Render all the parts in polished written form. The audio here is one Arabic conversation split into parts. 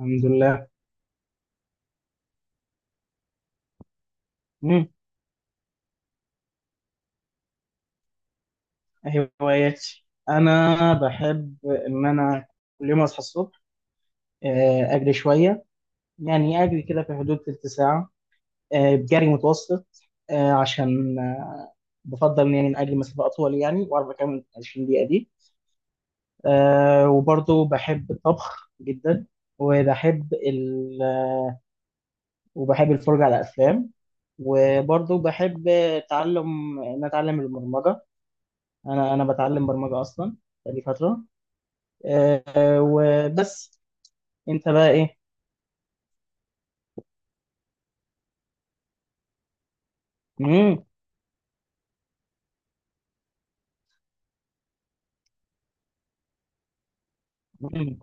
الحمد لله. مم. هواياتي، انا بحب ان انا كل يوم اصحى الصبح اجري شويه. يعني اجري كده في حدود تلت ساعه. بجري متوسط. عشان بفضل، يعني إن اجري مسافه اطول، يعني واعرف اكمل 20 دقيقه دي. وبرضه بحب الطبخ جدا. وبحب ال... وبحب الفرجه على افلام. وبرضه بحب تعلم ان اتعلم البرمجه. انا بتعلم برمجه اصلا بقالي فتره. آه. وبس. انت بقى ايه؟ مم. مم.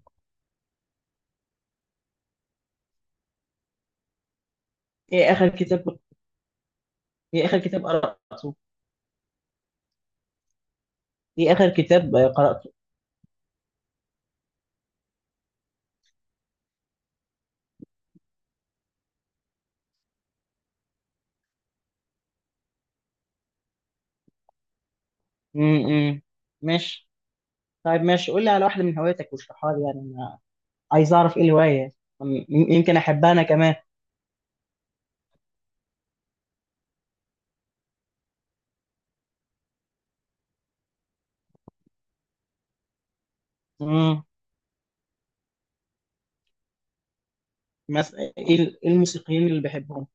ايه اخر كتاب كنت- ايه اخر كتاب قرأته؟ ايه اخر كتاب قرأته؟ مم. مم. ماشي. طيب، ماشي، قول لي على واحدة من هواياتك واشرحها لي، يعني انا عايز اعرف ايه الهواية. يمكن احبها انا كمان. مم. مس... ايه إيه الموسيقيين اللي بحبهم؟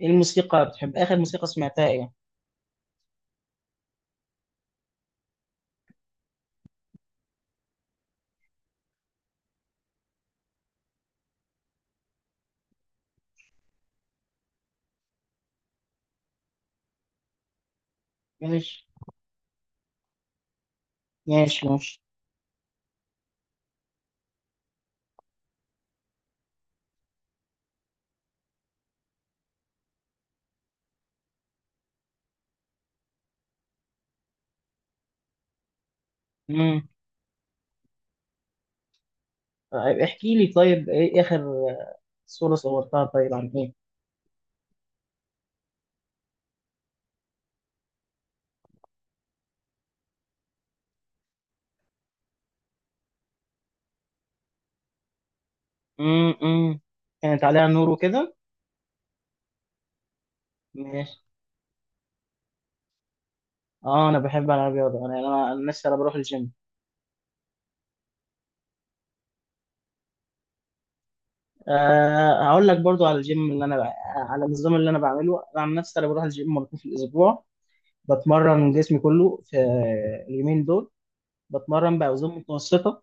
ايه الموسيقى بتحب؟ اخر موسيقى سمعتها ايه؟ ماشي. ماشي ماشي. مم. طيب احكي لي، طيب ايه اخر صورة صورتها؟ طيب عن ايه؟ امم. كانت عليها نور وكده. ماشي. اه، انا بحب العب رياضه. انا لسه، انا بروح الجيم. هقول لك برضو على الجيم على النظام اللي انا بعمله. انا عن نفسي انا بروح الجيم مرتين في الاسبوع. بتمرن جسمي كله في اليومين دول. بتمرن باوزان متوسطه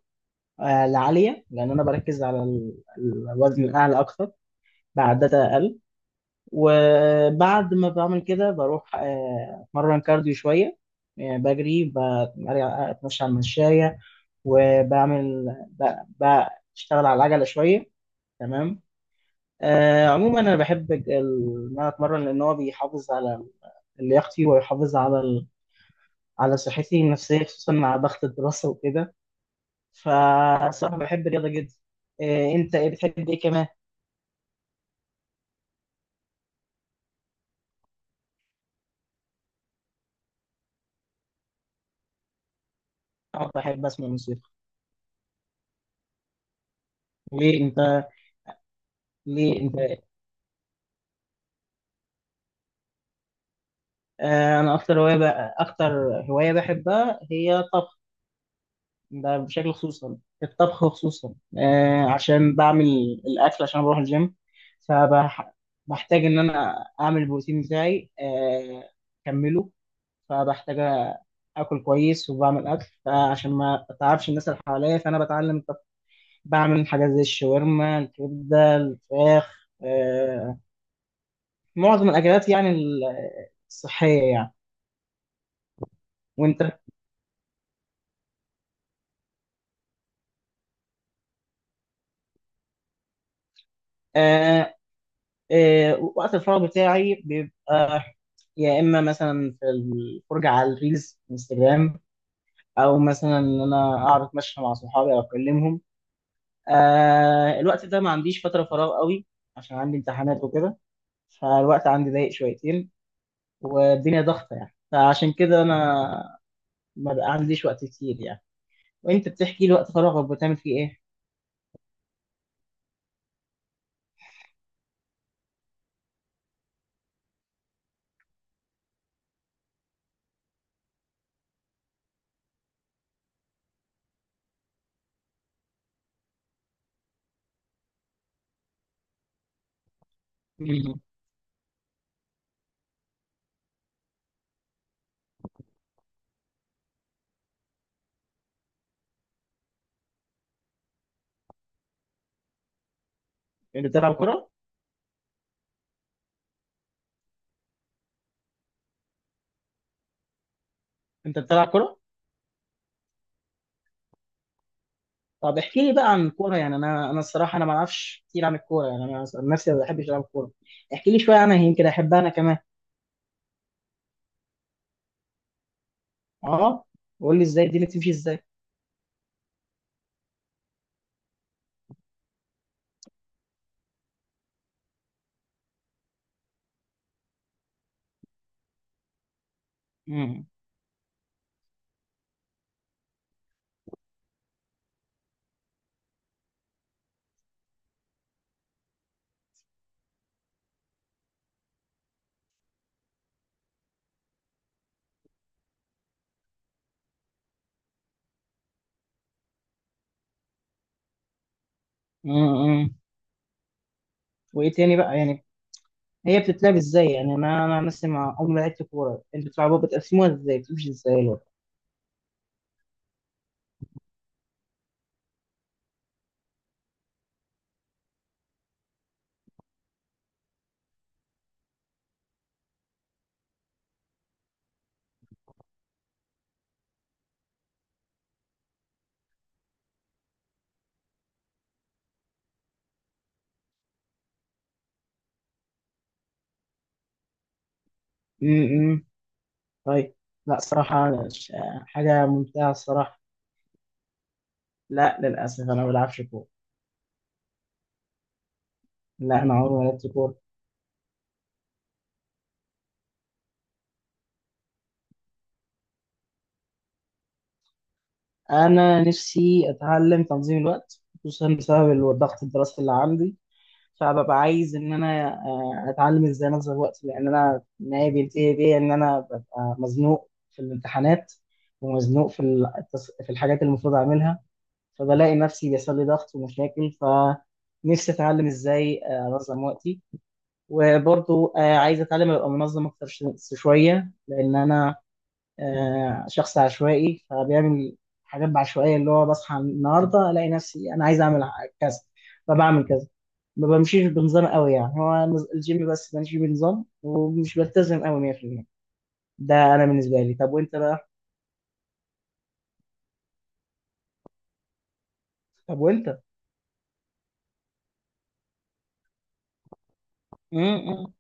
لعاليه، لان انا بركز على الوزن الاعلى اكتر بعدات اقل. وبعد ما بعمل كده بروح اتمرن كارديو شويه. يعني بجري، بتمشى على المشاية، وبعمل ب- بشتغل على العجلة شوية. تمام. عموما أنا بحب إن أنا أتمرن، لأن هو بيحافظ على لياقتي ويحافظ على صحتي النفسية، خصوصا مع ضغط الدراسة وكده. فصراحة بحب الرياضة جدا. أنت إيه بتحب إيه كمان؟ أنا بحب أسمع موسيقى. ليه أنت؟ ليه أنت إيه؟ أنا أكتر هواية بحبها هي الطبخ. ده بشكل، خصوصا في الطبخ. خصوصا عشان بعمل الاكل، عشان بروح الجيم، فبحتاج ان انا اعمل البروتين بتاعي اكمله. فبحتاج اكل كويس، وبعمل اكل، فعشان ما اتعبش الناس اللي حواليا فانا بتعلم الطبخ. بعمل حاجات زي الشاورما، الكبده، الفراخ. معظم الاكلات يعني، الصحيه يعني. وانت؟ آه. وقت الفراغ بتاعي بيبقى يا اما مثلا في الفرجه على الريلز انستجرام، او مثلا ان انا اقعد اتمشى مع صحابي او اكلمهم. الوقت ده ما عنديش فتره فراغ قوي، عشان عندي امتحانات وكده. فالوقت عندي ضيق شويتين، والدنيا ضغطه يعني، فعشان كده انا ما بقى عنديش وقت كتير يعني. وانت بتحكي لي، وقت فراغك بتعمل فيه ايه؟ مم. انت بتلعب كوره؟ انت بتلعب كوره؟ طب احكي لي بقى عن الكوره. يعني انا الصراحه، انا ما اعرفش كتير عن الكوره، يعني انا عن نفسي ما بحبش العب كوره. احكي لي شويه عنها، يمكن احبها انا كمان. اه. قول لي، ازاي الدنيا بتمشي ازاي؟ مم. مم. وايه تاني بقى يعني؟ هي بتتلعب ازاي؟ يعني انا مثلا عمري ما لعبت كوره. انتوا بتلعبوها، بتقسموها ازاي؟ بتمشي ازاي الوضع؟ امم. طيب. لا صراحه ش- حاجه ممتعه الصراحه. لا، للاسف انا ما بلعبش كوره. لا، انا عمري ما لعبت كوره. انا نفسي اتعلم تنظيم الوقت، خصوصا بسبب الضغط الدراسي اللي عندي. فببقى عايز ان انا اتعلم ازاي انظم وقتي، لان انا النهايه بينتهي بيا ان انا ببقى مزنوق في الامتحانات، ومزنوق في الحاجات اللي المفروض اعملها. فبلاقي نفسي بيحصل لي ضغط ومشاكل، فنفسي اتعلم ازاي انظم وقتي. وبرضو عايز اتعلم ابقى منظم اكتر شويه، لان انا شخص عشوائي، فبيعمل حاجات بعشوائية. اللي هو بصحى النهاردة ألاقي نفسي أنا عايز أعمل كذا، فبعمل كذا. ما بمشيش بنظام قوي، يعني هو الجيم بس بمشي بنظام، ومش بلتزم قوي 100%. ده أنا بالنسبة لي. طب وأنت بقى؟ طب وأنت؟ امم.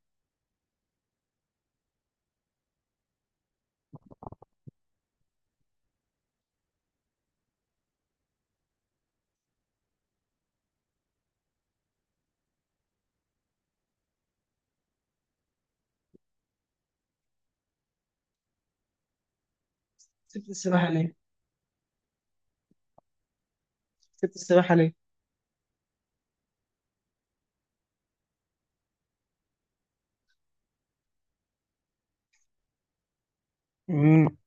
سبت السباحة ليه؟ سبت السباحة ليه؟ امم.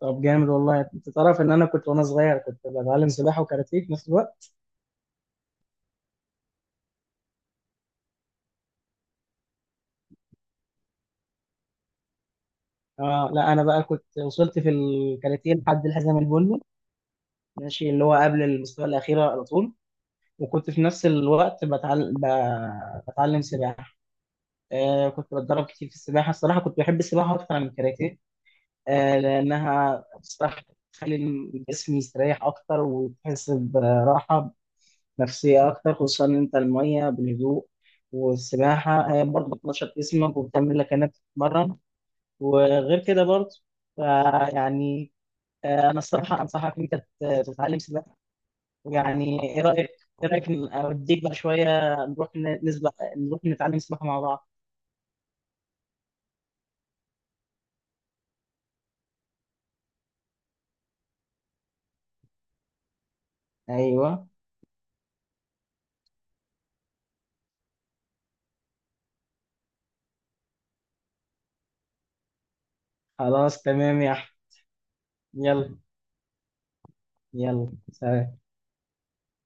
طب جامد والله. انت تعرف ان انا كنت وانا صغير كنت بتعلم سباحه وكاراتيه في نفس الوقت. اه، لا، انا بقى كنت وصلت في الكاراتيه لحد الحزام البني. ماشي، اللي هو قبل المستوى الأخير على طول. وكنت في نفس الوقت بتعلم سباحة. كنت بتدرب كتير في السباحة. الصراحة كنت بحب السباحة أكتر من الكاراتيه. لأنها بصراحة بتخلي الجسم يستريح أكتر، وتحس براحة نفسية أكتر، خصوصا إن أنت المية بالهدوء. والسباحة هي برضه بتنشط جسمك وبتعمل لك إنك تتمرن وغير كده برضه، فيعني أنا الصراحة أنصحك إن أنت تتعلم سباحة. يعني ايه رايك؟ ايه رايك، اوديك بقى شويه نروح نسبح؟ نروح نتعلم سباحه مع بعض. ايوه. خلاص، تمام يا احمد. يلا. يلا، سلام.